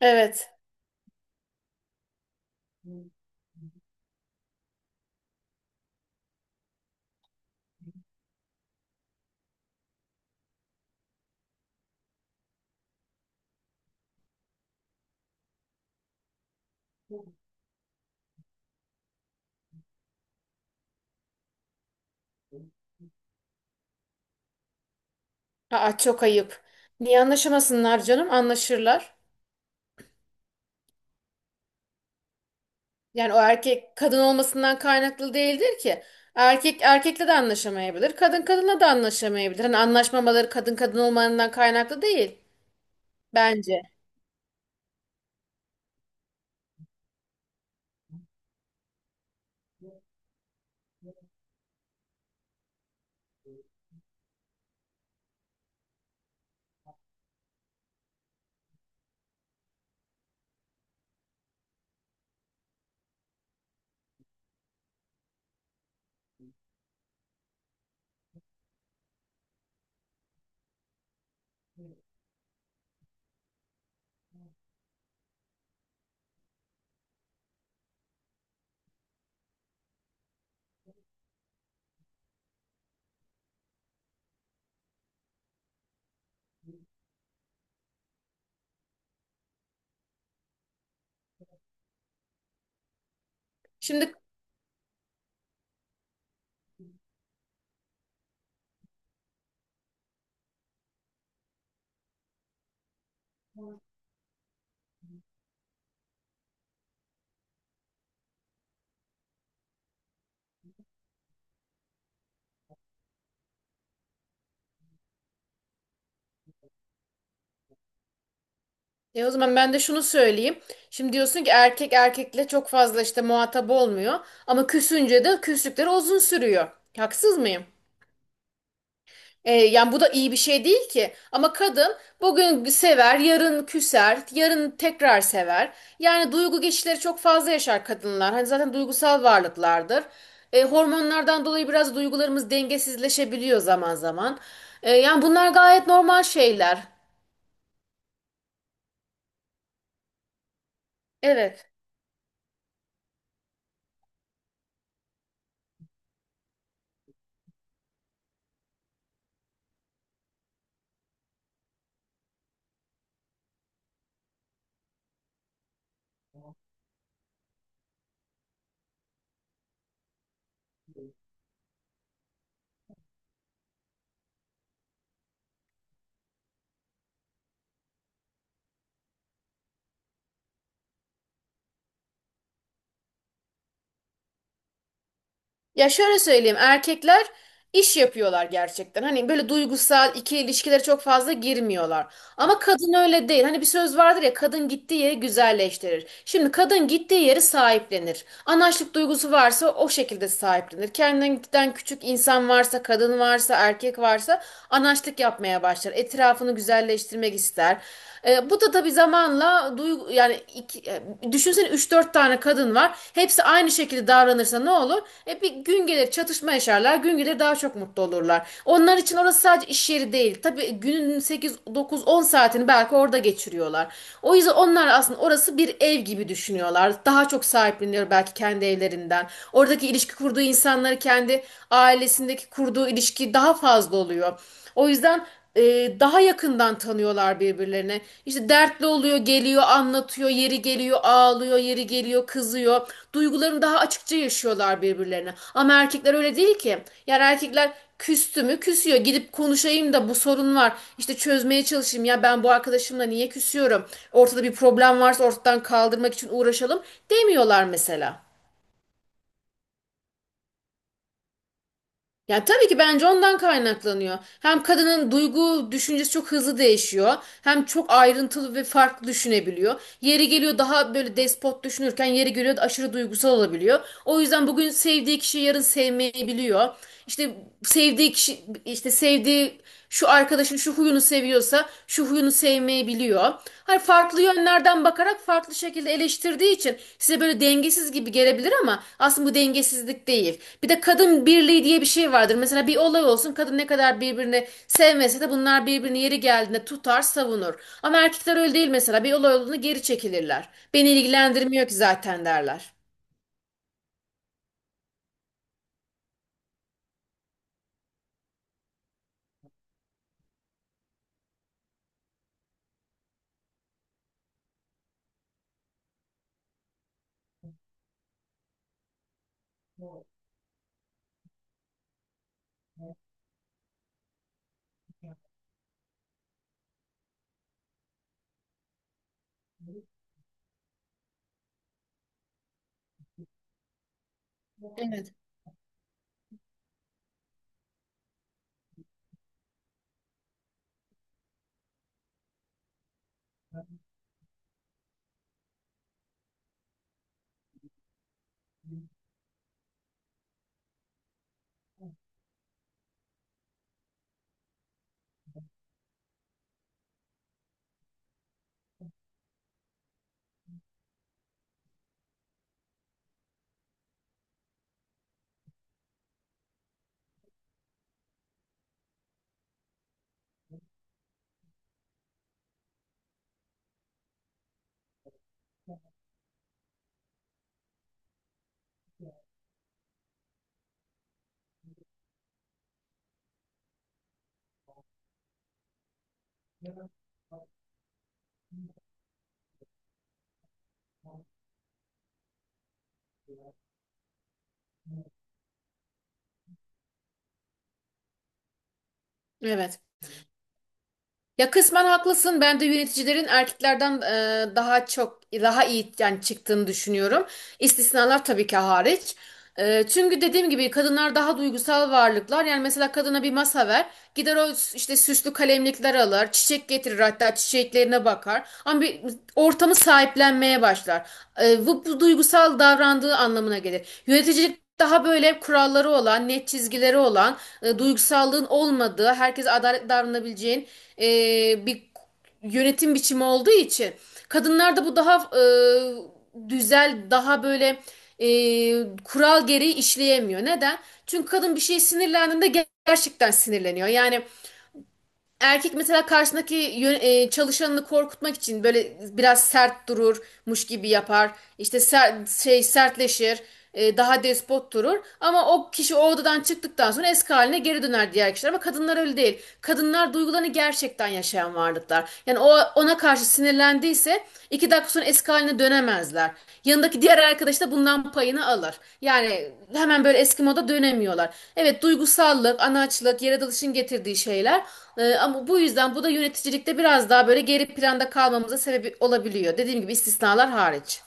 Evet. Aa, çok ayıp. Niye anlaşamasınlar canım? Anlaşırlar. Yani o erkek kadın olmasından kaynaklı değildir ki. Erkek erkekle de anlaşamayabilir. Kadın kadınla da anlaşamayabilir. Hani anlaşmamaları kadın kadın olmanından kaynaklı değil bence. Şimdi o zaman ben de şunu söyleyeyim. Şimdi diyorsun ki erkek erkekle çok fazla işte muhatap olmuyor. Ama küsünce de küslükleri uzun sürüyor. Haksız mıyım? E, yani bu da iyi bir şey değil ki. Ama kadın bugün sever, yarın küser, yarın tekrar sever. Yani duygu geçişleri çok fazla yaşar kadınlar. Hani zaten duygusal varlıklardır. E, hormonlardan dolayı biraz duygularımız dengesizleşebiliyor zaman zaman. E, yani bunlar gayet normal şeyler. Evet. Ya şöyle söyleyeyim, erkekler iş yapıyorlar gerçekten. Hani böyle duygusal iki ilişkilere çok fazla girmiyorlar. Ama kadın öyle değil. Hani bir söz vardır ya, kadın gittiği yeri güzelleştirir. Şimdi kadın gittiği yeri sahiplenir. Anaçlık duygusu varsa o şekilde sahiplenir. Kendinden küçük insan varsa, kadın varsa, erkek varsa anaçlık yapmaya başlar. Etrafını güzelleştirmek ister. E, bu da tabii zamanla duygu, yani iki, düşünsene 3-4 tane kadın var. Hepsi aynı şekilde davranırsa ne olur? E, bir gün gelir çatışma yaşarlar. Gün gelir daha çok mutlu olurlar. Onlar için orası sadece iş yeri değil. Tabii günün 8 9 10 saatini belki orada geçiriyorlar. O yüzden onlar aslında orası bir ev gibi düşünüyorlar. Daha çok sahipleniyor belki kendi evlerinden. Oradaki ilişki kurduğu insanları kendi ailesindeki kurduğu ilişki daha fazla oluyor. O yüzden daha yakından tanıyorlar birbirlerine. İşte dertli oluyor, geliyor, anlatıyor, yeri geliyor, ağlıyor, yeri geliyor, kızıyor. Duygularını daha açıkça yaşıyorlar birbirlerine. Ama erkekler öyle değil ki. Yani erkekler küstü mü küsüyor. Gidip konuşayım da bu sorun var. İşte çözmeye çalışayım, ya ben bu arkadaşımla niye küsüyorum? Ortada bir problem varsa ortadan kaldırmak için uğraşalım demiyorlar mesela. Ya tabii ki bence ondan kaynaklanıyor. Hem kadının duygu düşüncesi çok hızlı değişiyor. Hem çok ayrıntılı ve farklı düşünebiliyor. Yeri geliyor daha böyle despot düşünürken yeri geliyor aşırı duygusal olabiliyor. O yüzden bugün sevdiği kişiyi yarın sevmeyebiliyor. İşte sevdiği kişi işte sevdiği şu arkadaşın şu huyunu seviyorsa şu huyunu sevmeyebiliyor. Hani farklı yönlerden bakarak farklı şekilde eleştirdiği için size böyle dengesiz gibi gelebilir ama aslında bu dengesizlik değil. Bir de kadın birliği diye bir şey vardır. Mesela bir olay olsun, kadın ne kadar birbirini sevmese de bunlar birbirini yeri geldiğinde tutar, savunur. Ama erkekler öyle değil mesela. Bir olay olduğunda geri çekilirler. Beni ilgilendirmiyor ki zaten derler. Evet. Evet. Ya kısmen haklısın. Ben de yöneticilerin erkeklerden daha iyi yani çıktığını düşünüyorum. İstisnalar tabii ki hariç. E, çünkü dediğim gibi kadınlar daha duygusal varlıklar. Yani mesela kadına bir masa ver, gider işte süslü kalemlikler alır, çiçek getirir, hatta çiçeklerine bakar. Ama bir ortamı sahiplenmeye başlar. E, bu, bu duygusal davrandığı anlamına gelir. Yöneticilik daha böyle kuralları olan, net çizgileri olan, duygusallığın olmadığı, herkese adaletli davranabileceğin e, bir yönetim biçimi olduğu için kadınlarda bu daha daha böyle e, kural gereği işleyemiyor. Neden? Çünkü kadın bir şeye sinirlendiğinde gerçekten sinirleniyor. Yani erkek mesela karşısındaki çalışanını korkutmak için böyle biraz sert dururmuş gibi yapar. İşte sertleşir, daha despot durur. Ama o kişi o odadan çıktıktan sonra eski haline geri döner diğer kişiler. Ama kadınlar öyle değil. Kadınlar duygularını gerçekten yaşayan varlıklar. Yani o ona karşı sinirlendiyse iki dakika sonra eski haline dönemezler. Yanındaki diğer arkadaş da bundan payını alır. Yani hemen böyle eski moda dönemiyorlar. Evet, duygusallık, anaçlık, yaratılışın getirdiği şeyler. Ama bu yüzden bu da yöneticilikte biraz daha böyle geri planda kalmamıza sebep olabiliyor. Dediğim gibi istisnalar hariç.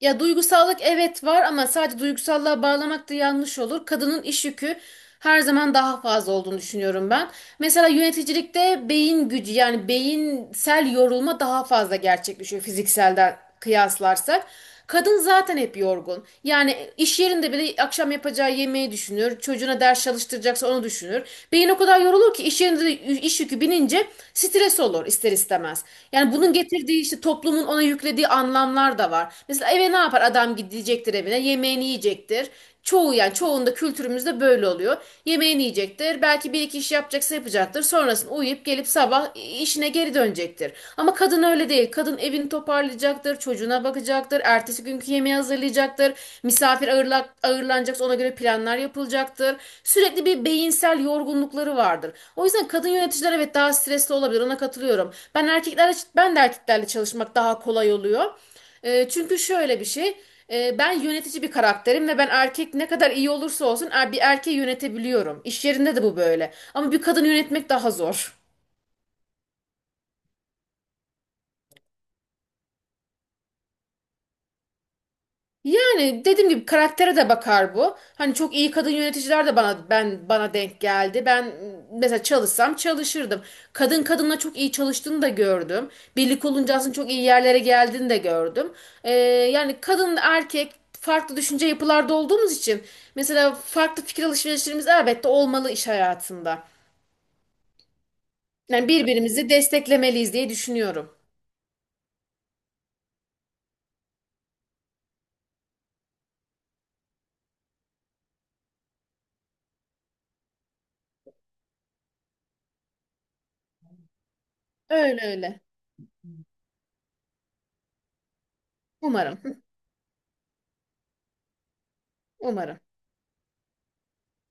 Ya duygusallık evet var ama sadece duygusallığa bağlamak da yanlış olur. Kadının iş yükü her zaman daha fazla olduğunu düşünüyorum ben. Mesela yöneticilikte beyin gücü, yani beyinsel yorulma daha fazla gerçekleşiyor fizikselden kıyaslarsak. Kadın zaten hep yorgun. Yani iş yerinde bile akşam yapacağı yemeği düşünür. Çocuğuna ders çalıştıracaksa onu düşünür. Beyin o kadar yorulur ki iş yerinde üzerinde de iş yükü binince stres olur ister istemez. Yani bunun getirdiği işte toplumun ona yüklediği anlamlar da var. Mesela eve ne yapar? Adam gidecektir evine, yemeğini yiyecektir. Çoğu, yani çoğunda kültürümüzde böyle oluyor. Yemeğini yiyecektir. Belki bir iki iş yapacaksa yapacaktır. Sonrasında uyuyup gelip sabah işine geri dönecektir. Ama kadın öyle değil. Kadın evini toparlayacaktır, çocuğuna bakacaktır, ertesi günkü yemeği hazırlayacaktır. Ağırlanacaksa ona göre planlar yapılacaktır. Sürekli bir beyinsel yorgunlukları vardır. O yüzden kadın yöneticiler evet daha stresli olabilir. Ona katılıyorum. Ben de erkeklerle çalışmak daha kolay oluyor. E, çünkü şöyle bir şey. Ben yönetici bir karakterim ve ben erkek ne kadar iyi olursa olsun bir erkeği yönetebiliyorum. İş yerinde de bu böyle. Ama bir kadın yönetmek daha zor. Yani dediğim gibi karaktere de bakar bu. Hani çok iyi kadın yöneticiler de bana denk geldi. Ben mesela çalışsam çalışırdım. Kadın kadınla çok iyi çalıştığını da gördüm. Birlik olunca aslında çok iyi yerlere geldiğini de gördüm. Ee, Yani kadın erkek farklı düşünce yapılarda olduğumuz için mesela farklı fikir alışverişlerimiz elbette olmalı iş hayatında. Yani birbirimizi desteklemeliyiz diye düşünüyorum. Öyle öyle. Umarım. Umarım.